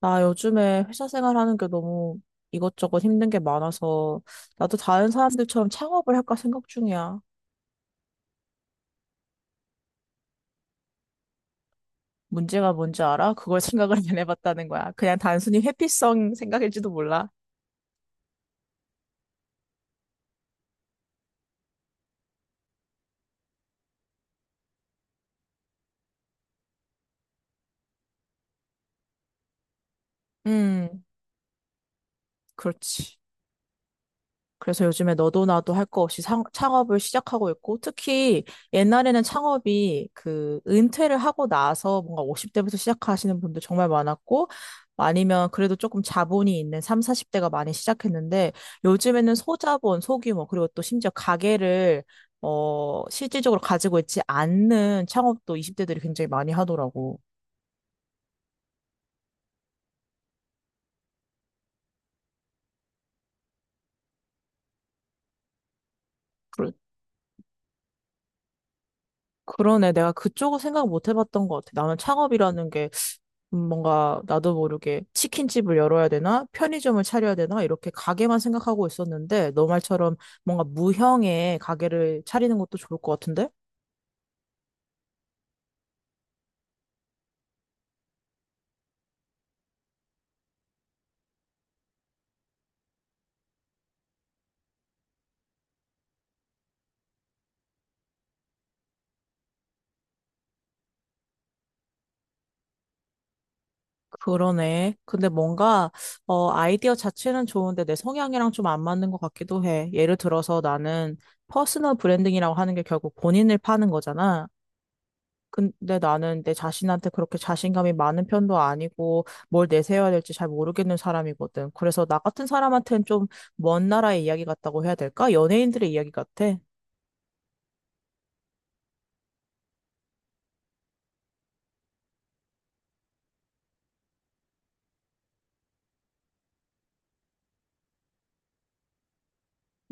나 요즘에 회사 생활하는 게 너무 이것저것 힘든 게 많아서 나도 다른 사람들처럼 창업을 할까 생각 중이야. 문제가 뭔지 알아? 그걸 생각을 안 해봤다는 거야. 그냥 단순히 회피성 생각일지도 몰라. 음, 그렇지. 그래서 요즘에 너도 나도 할 거 없이 창업을 시작하고 있고, 특히 옛날에는 창업이 그 은퇴를 하고 나서 뭔가 50대부터 시작하시는 분도 정말 많았고, 아니면 그래도 조금 자본이 있는 3, 40대가 많이 시작했는데, 요즘에는 소자본, 소규모, 그리고 또 심지어 가게를, 어, 실질적으로 가지고 있지 않는 창업도 20대들이 굉장히 많이 하더라고. 그러, 그러네. 내가 그쪽을 생각 못 해봤던 것 같아. 나는 창업이라는 게 뭔가 나도 모르게 치킨집을 열어야 되나? 편의점을 차려야 되나? 이렇게 가게만 생각하고 있었는데, 너 말처럼 뭔가 무형의 가게를 차리는 것도 좋을 것 같은데? 그러네. 근데 뭔가, 아이디어 자체는 좋은데 내 성향이랑 좀 안 맞는 것 같기도 해. 예를 들어서 나는 퍼스널 브랜딩이라고 하는 게 결국 본인을 파는 거잖아. 근데 나는 내 자신한테 그렇게 자신감이 많은 편도 아니고 뭘 내세워야 될지 잘 모르겠는 사람이거든. 그래서 나 같은 사람한테는 좀 먼 나라의 이야기 같다고 해야 될까? 연예인들의 이야기 같아.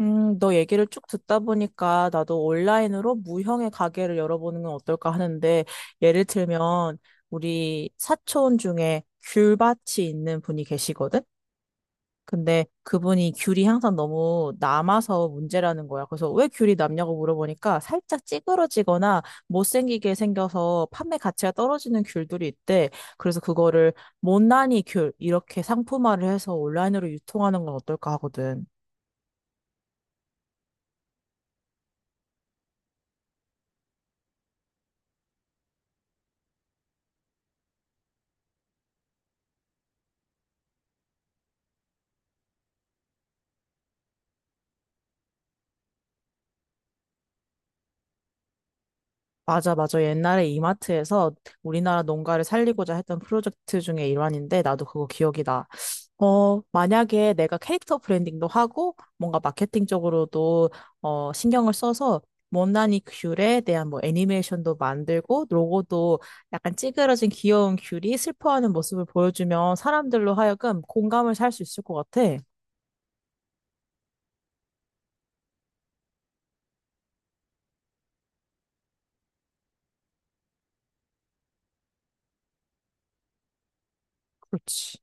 너 얘기를 쭉 듣다 보니까 나도 온라인으로 무형의 가게를 열어보는 건 어떨까 하는데 예를 들면 우리 사촌 중에 귤밭이 있는 분이 계시거든. 근데 그분이 귤이 항상 너무 남아서 문제라는 거야. 그래서 왜 귤이 남냐고 물어보니까 살짝 찌그러지거나 못생기게 생겨서 판매 가치가 떨어지는 귤들이 있대. 그래서 그거를 못난이 귤 이렇게 상품화를 해서 온라인으로 유통하는 건 어떨까 하거든. 맞아, 맞아. 옛날에 이마트에서 우리나라 농가를 살리고자 했던 프로젝트 중에 일환인데 나도 그거 기억이 나. 만약에 내가 캐릭터 브랜딩도 하고 뭔가 마케팅적으로도 신경을 써서 못난이 귤에 대한 뭐 애니메이션도 만들고 로고도 약간 찌그러진 귀여운 귤이 슬퍼하는 모습을 보여주면 사람들로 하여금 공감을 살 수 있을 것 같아. 그렇지.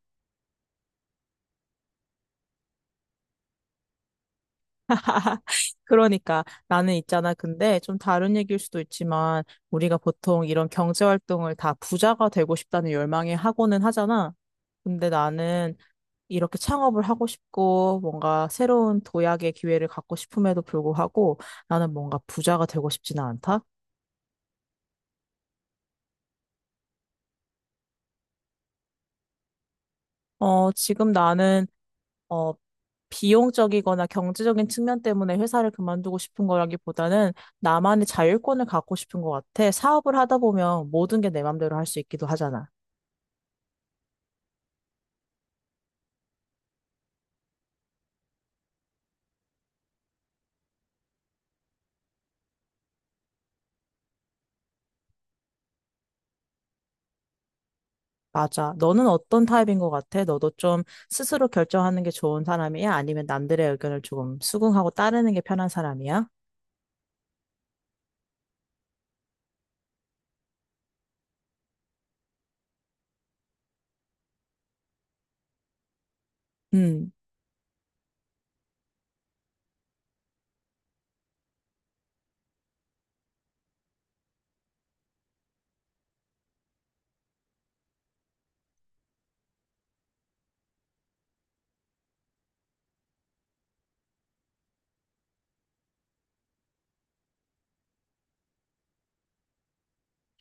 그러니까 나는 있잖아. 근데 좀 다른 얘기일 수도 있지만 우리가 보통 이런 경제 활동을 다 부자가 되고 싶다는 열망에 하고는 하잖아. 근데 나는 이렇게 창업을 하고 싶고 뭔가 새로운 도약의 기회를 갖고 싶음에도 불구하고 나는 뭔가 부자가 되고 싶지는 않다. 지금 나는 어, 비용적이거나 경제적인 측면 때문에 회사를 그만두고 싶은 거라기보다는 나만의 자율권을 갖고 싶은 것 같아. 사업을 하다 보면 모든 게 내 맘대로 할 수 있기도 하잖아. 맞아. 너는 어떤 타입인 것 같아? 너도 좀 스스로 결정하는 게 좋은 사람이야? 아니면 남들의 의견을 조금 수긍하고 따르는 게 편한 사람이야? 음.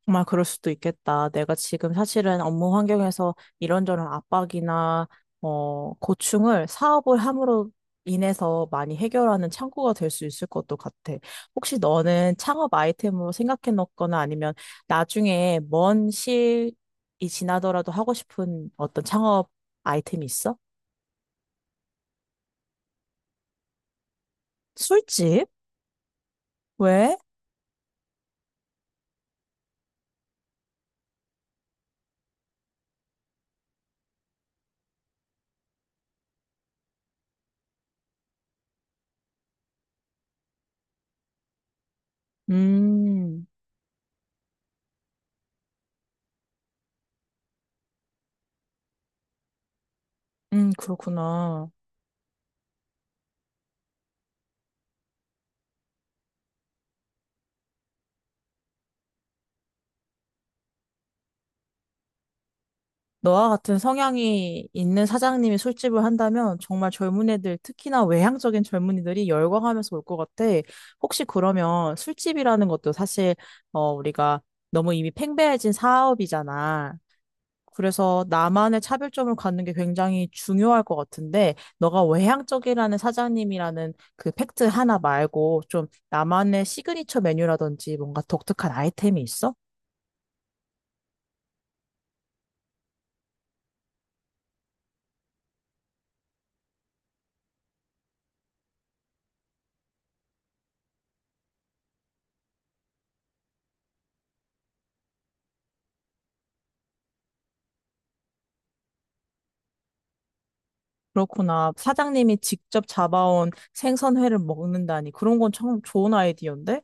정말 그럴 수도 있겠다. 내가 지금 사실은 업무 환경에서 이런저런 압박이나 고충을 사업을 함으로 인해서 많이 해결하는 창구가 될 수 있을 것도 같아. 혹시 너는 창업 아이템으로 생각해 놓거나 아니면 나중에 먼 시일이 지나더라도 하고 싶은 어떤 창업 아이템이 있어? 술집? 왜? 음, 그렇구나. 너와 같은 성향이 있는 사장님이 술집을 한다면 정말 젊은 애들, 특히나 외향적인 젊은이들이 열광하면서 올 것 같아. 혹시 그러면 술집이라는 것도 사실, 우리가 너무 이미 팽배해진 사업이잖아. 그래서 나만의 차별점을 갖는 게 굉장히 중요할 것 같은데, 너가 외향적이라는 사장님이라는 그 팩트 하나 말고 좀 나만의 시그니처 메뉴라든지 뭔가 독특한 아이템이 있어? 그렇구나. 사장님이 직접 잡아온 생선회를 먹는다니. 그런 건 참 좋은 아이디어인데?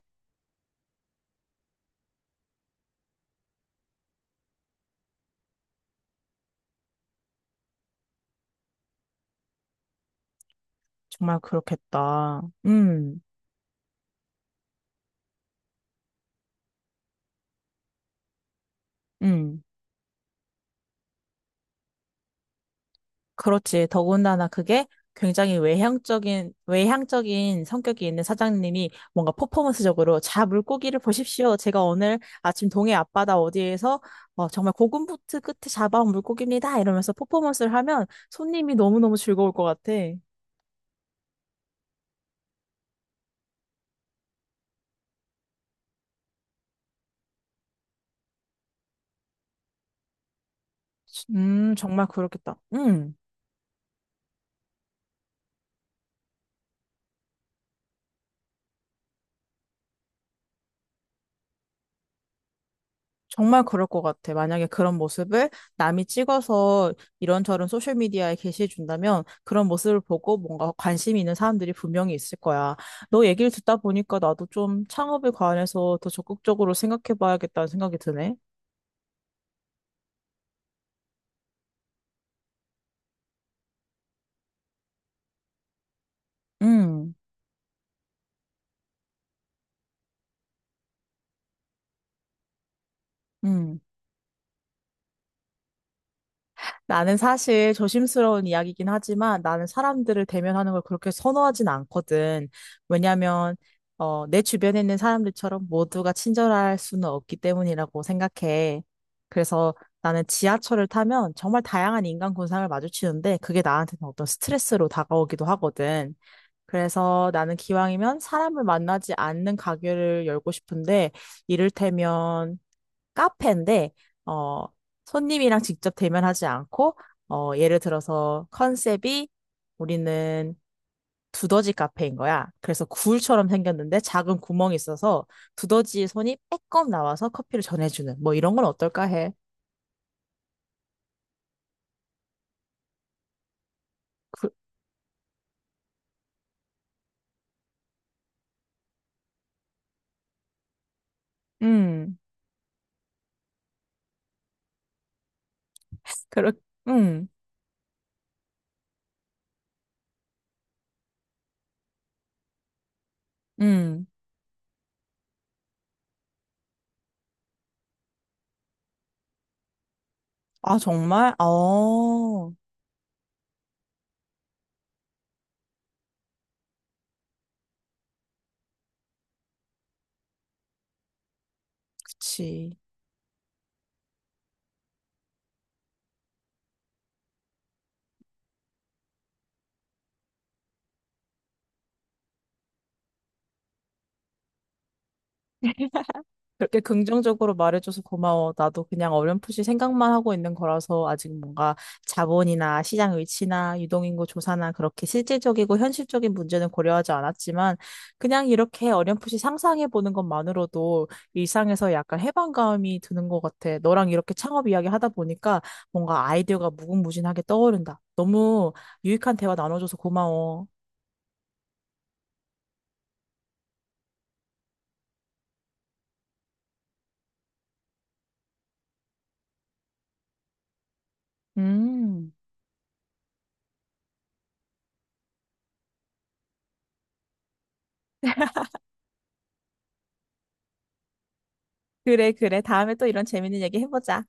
정말 그렇겠다. 음. 그렇지. 더군다나 그게 굉장히 외향적인, 외향적인 성격이 있는 사장님이 뭔가 퍼포먼스적으로 자, 물고기를 보십시오. 제가 오늘 아침 동해 앞바다 어디에서 정말 고군분투 끝에 잡아온 물고기입니다. 이러면서 퍼포먼스를 하면 손님이 너무너무 즐거울 것 같아. 정말 그렇겠다. 음. 정말 그럴 것 같아. 만약에 그런 모습을 남이 찍어서 이런저런 소셜미디어에 게시해준다면 그런 모습을 보고 뭔가 관심 있는 사람들이 분명히 있을 거야. 너 얘기를 듣다 보니까 나도 좀 창업에 관해서 더 적극적으로 생각해봐야겠다는 생각이 드네. 음, 음. 나는 사실 조심스러운 이야기긴 하지만 나는 사람들을 대면하는 걸 그렇게 선호하진 않거든. 왜냐면, 내 주변에 있는 사람들처럼 모두가 친절할 수는 없기 때문이라고 생각해. 그래서 나는 지하철을 타면 정말 다양한 인간 군상을 마주치는데 그게 나한테는 어떤 스트레스로 다가오기도 하거든. 그래서 나는 기왕이면 사람을 만나지 않는 가게를 열고 싶은데, 이를테면 카페인데, 어, 손님이랑 직접 대면하지 않고, 예를 들어서 컨셉이 우리는 두더지 카페인 거야. 그래서 굴처럼 생겼는데 작은 구멍이 있어서 두더지의 손이 빼꼼 나와서 커피를 전해주는, 뭐 이런 건 어떨까 해. 그, 음, 그렇, 음, 음. 아, 정말? 어, 그치. 그렇게 긍정적으로 말해줘서 고마워. 나도 그냥 어렴풋이 생각만 하고 있는 거라서 아직 뭔가 자본이나 시장 위치나 유동인구 조사나 그렇게 실질적이고 현실적인 문제는 고려하지 않았지만 그냥 이렇게 어렴풋이 상상해 보는 것만으로도 일상에서 약간 해방감이 드는 것 같아. 너랑 이렇게 창업 이야기 하다 보니까 뭔가 아이디어가 무궁무진하게 떠오른다. 너무 유익한 대화 나눠줘서 고마워. 음. 그래, 그래. 다음에 또 이런 재밌는 얘기 해보자.